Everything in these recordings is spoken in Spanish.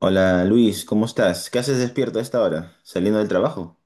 Hola Luis, ¿cómo estás? ¿Qué haces despierto a esta hora? ¿Saliendo del trabajo?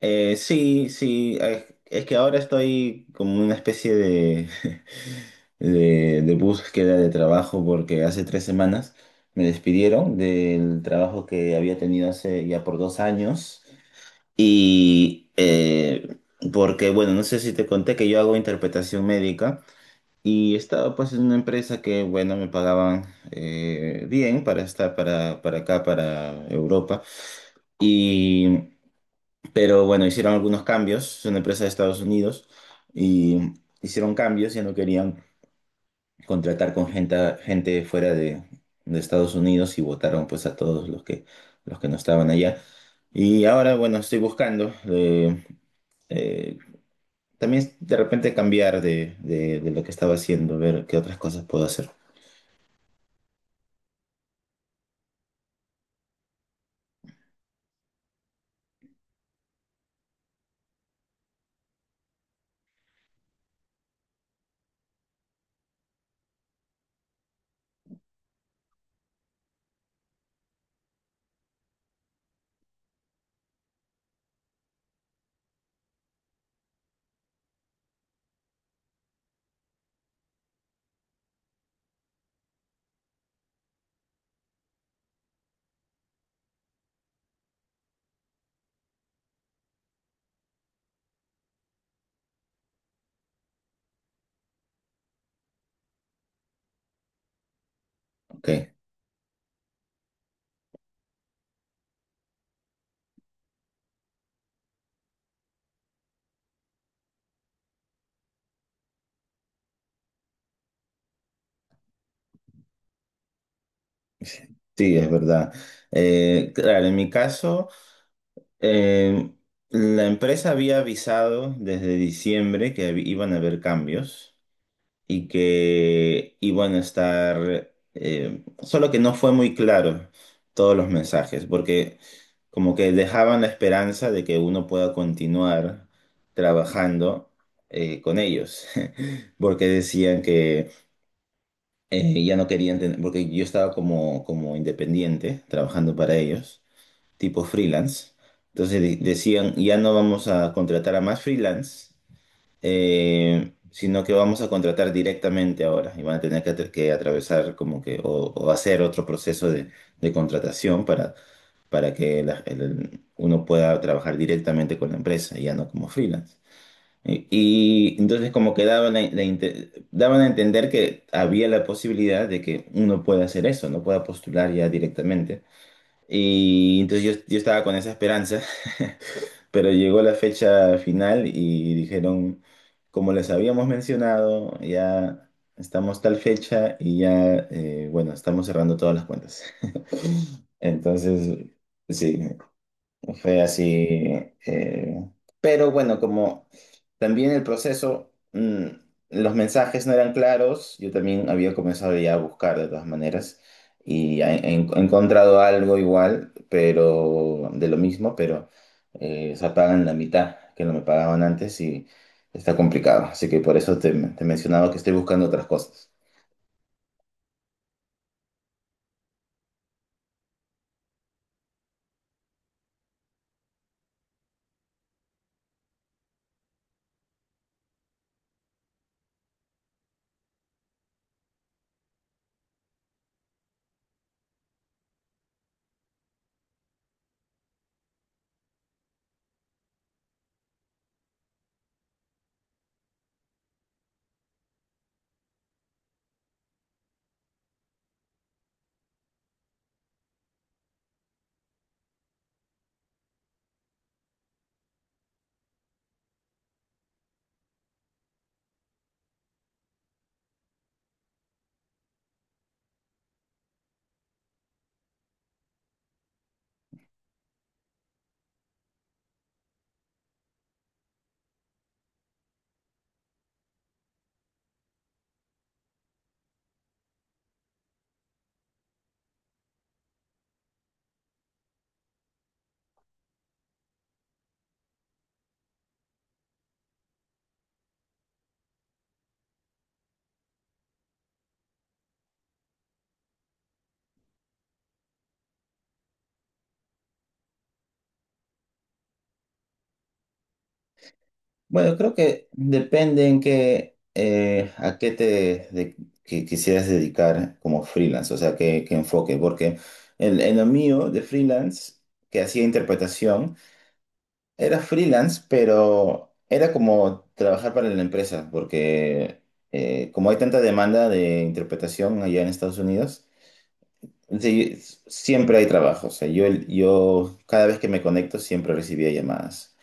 Sí, sí, es que ahora estoy como una especie de, de búsqueda de trabajo porque hace 3 semanas me despidieron del trabajo que había tenido hace ya por 2 años y eh, porque, bueno, no sé si te conté que yo hago interpretación médica. Y estaba pues en una empresa que, bueno, me pagaban bien para estar para acá, para Europa. Y, pero bueno, hicieron algunos cambios, es una empresa de Estados Unidos, y hicieron cambios y no querían contratar con gente fuera de Estados Unidos y votaron pues a todos los que no estaban allá. Y ahora, bueno, estoy buscando eh, también de repente cambiar de lo que estaba haciendo, ver qué otras cosas puedo hacer. Ok, sí, es verdad. Claro, en mi caso, eh, la empresa había avisado desde diciembre que iban a haber cambios y que iban a estar, solo que no fue muy claro todos los mensajes, porque como que dejaban la esperanza de que uno pueda continuar trabajando con ellos, porque decían que ya no querían tener, porque yo estaba como independiente, trabajando para ellos, tipo freelance. Entonces decían, ya no vamos a contratar a más freelance, sino que vamos a contratar directamente ahora. Y van a tener que, atravesar como que, o hacer otro proceso de contratación para que uno pueda trabajar directamente con la empresa, y ya no como freelance. Y entonces como que daban a entender que había la posibilidad de que uno pueda hacer eso, no pueda postular ya directamente. Y entonces yo estaba con esa esperanza, pero llegó la fecha final y dijeron, como les habíamos mencionado, ya estamos tal fecha y ya, bueno, estamos cerrando todas las cuentas. Entonces, sí, fue así. eh, pero bueno, como también el proceso, los mensajes no eran claros, yo también había comenzado ya a buscar de todas maneras y he encontrado algo igual, pero de lo mismo, pero se pagan la mitad que no me pagaban antes y está complicado. Así que por eso te mencionaba que estoy buscando otras cosas. Bueno, creo que depende en qué, a qué te de- que quisieras dedicar como freelance, o sea, qué enfoque, porque en lo mío de freelance, que hacía interpretación, era freelance, pero era como trabajar para la empresa, porque como hay tanta demanda de interpretación allá en Estados Unidos, sí, siempre hay trabajo, o sea, yo cada vez que me conecto siempre recibía llamadas.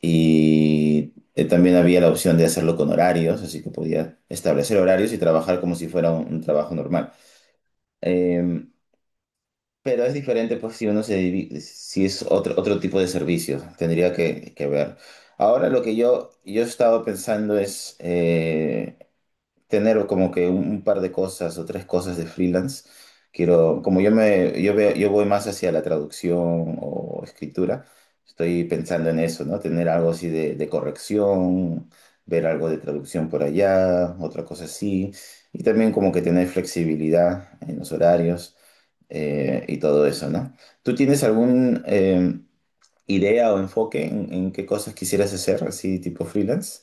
Y también había la opción de hacerlo con horarios, así que podía establecer horarios y trabajar como si fuera un trabajo normal. Eh, pero es diferente, pues, si si es otro tipo de servicio, tendría que ver. Ahora lo que yo he estado pensando es tener como que un par de cosas o tres cosas de freelance. Quiero, yo veo, yo voy más hacia la traducción o escritura, estoy pensando en eso, ¿no? Tener algo así de corrección, ver algo de traducción por allá, otra cosa así, y también como que tener flexibilidad en los horarios y todo eso, ¿no? ¿Tú tienes algún idea o enfoque en qué cosas quisieras hacer así tipo freelance?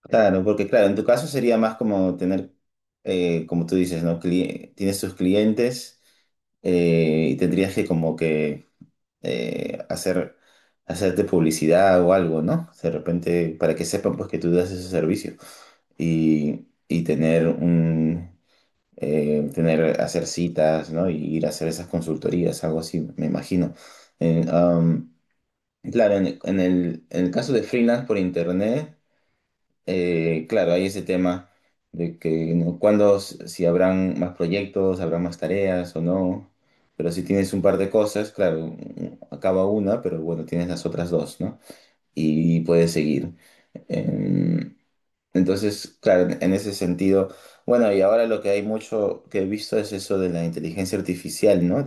Claro, ¿no? Porque claro, en tu caso sería más como tener, como tú dices, ¿no? Tienes tus clientes y tendrías que como que eh, hacer, hacerte publicidad o algo, ¿no? De repente, para que sepan pues que tú das ese servicio y tener hacer citas, ¿no? Y ir a hacer esas consultorías, algo así, me imagino. En, um, claro, en el caso de freelance por internet. Claro, hay ese tema de que, ¿no? Si habrán más proyectos, habrá más tareas o no, pero si tienes un par de cosas, claro, acaba una, pero bueno, tienes las otras dos, ¿no? Y puedes seguir. Eh, entonces, claro, en ese sentido, bueno, y ahora lo que hay mucho que he visto es eso de la inteligencia artificial, ¿no?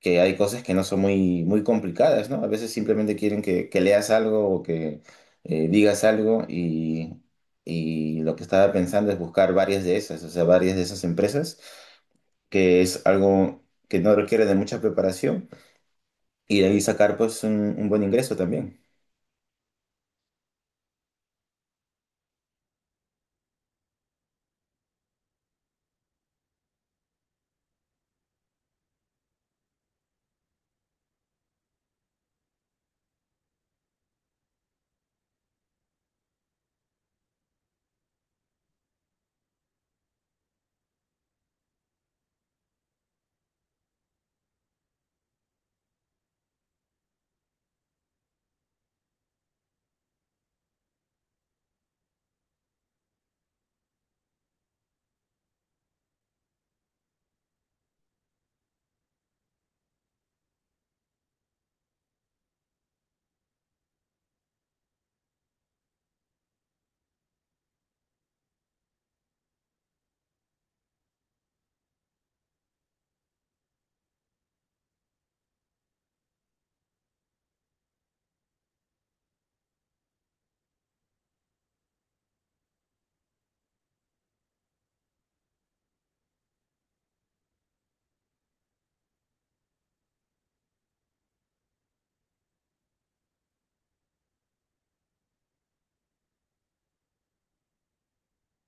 Que hay cosas que no son muy, muy complicadas, ¿no? A veces simplemente quieren que leas algo o que digas algo y lo que estaba pensando es buscar varias de esas, o sea, varias de esas empresas, que es algo que no requiere de mucha preparación y de ahí sacar pues un buen ingreso también.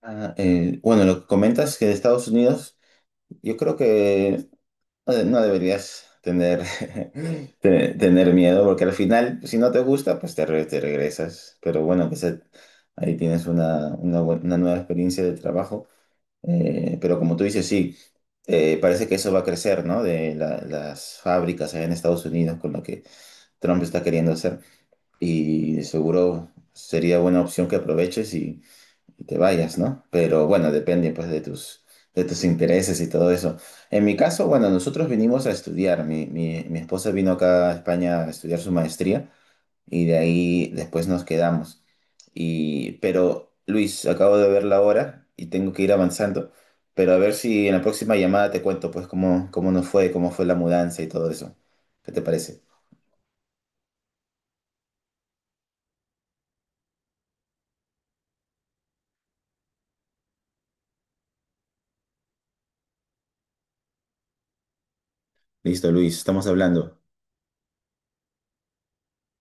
Bueno, lo que comentas que de Estados Unidos, yo creo que no deberías tener miedo, porque al final, si no te gusta, pues te regresas. Pero bueno, pues ahí tienes una nueva experiencia de trabajo. Pero como tú dices, sí, parece que eso va a crecer, ¿no? De las fábricas allá en Estados Unidos, con lo que Trump está queriendo hacer. Y seguro sería buena opción que aproveches y te vayas, ¿no? Pero bueno, depende pues de tus intereses y todo eso. En mi caso, bueno, nosotros vinimos a estudiar. Mi esposa vino acá a España a estudiar su maestría y de ahí después nos quedamos. Y, pero, Luis, acabo de ver la hora y tengo que ir avanzando. Pero a ver si en la próxima llamada te cuento pues cómo nos fue, cómo fue la mudanza y todo eso. ¿Qué te parece? Listo, Luis, estamos hablando.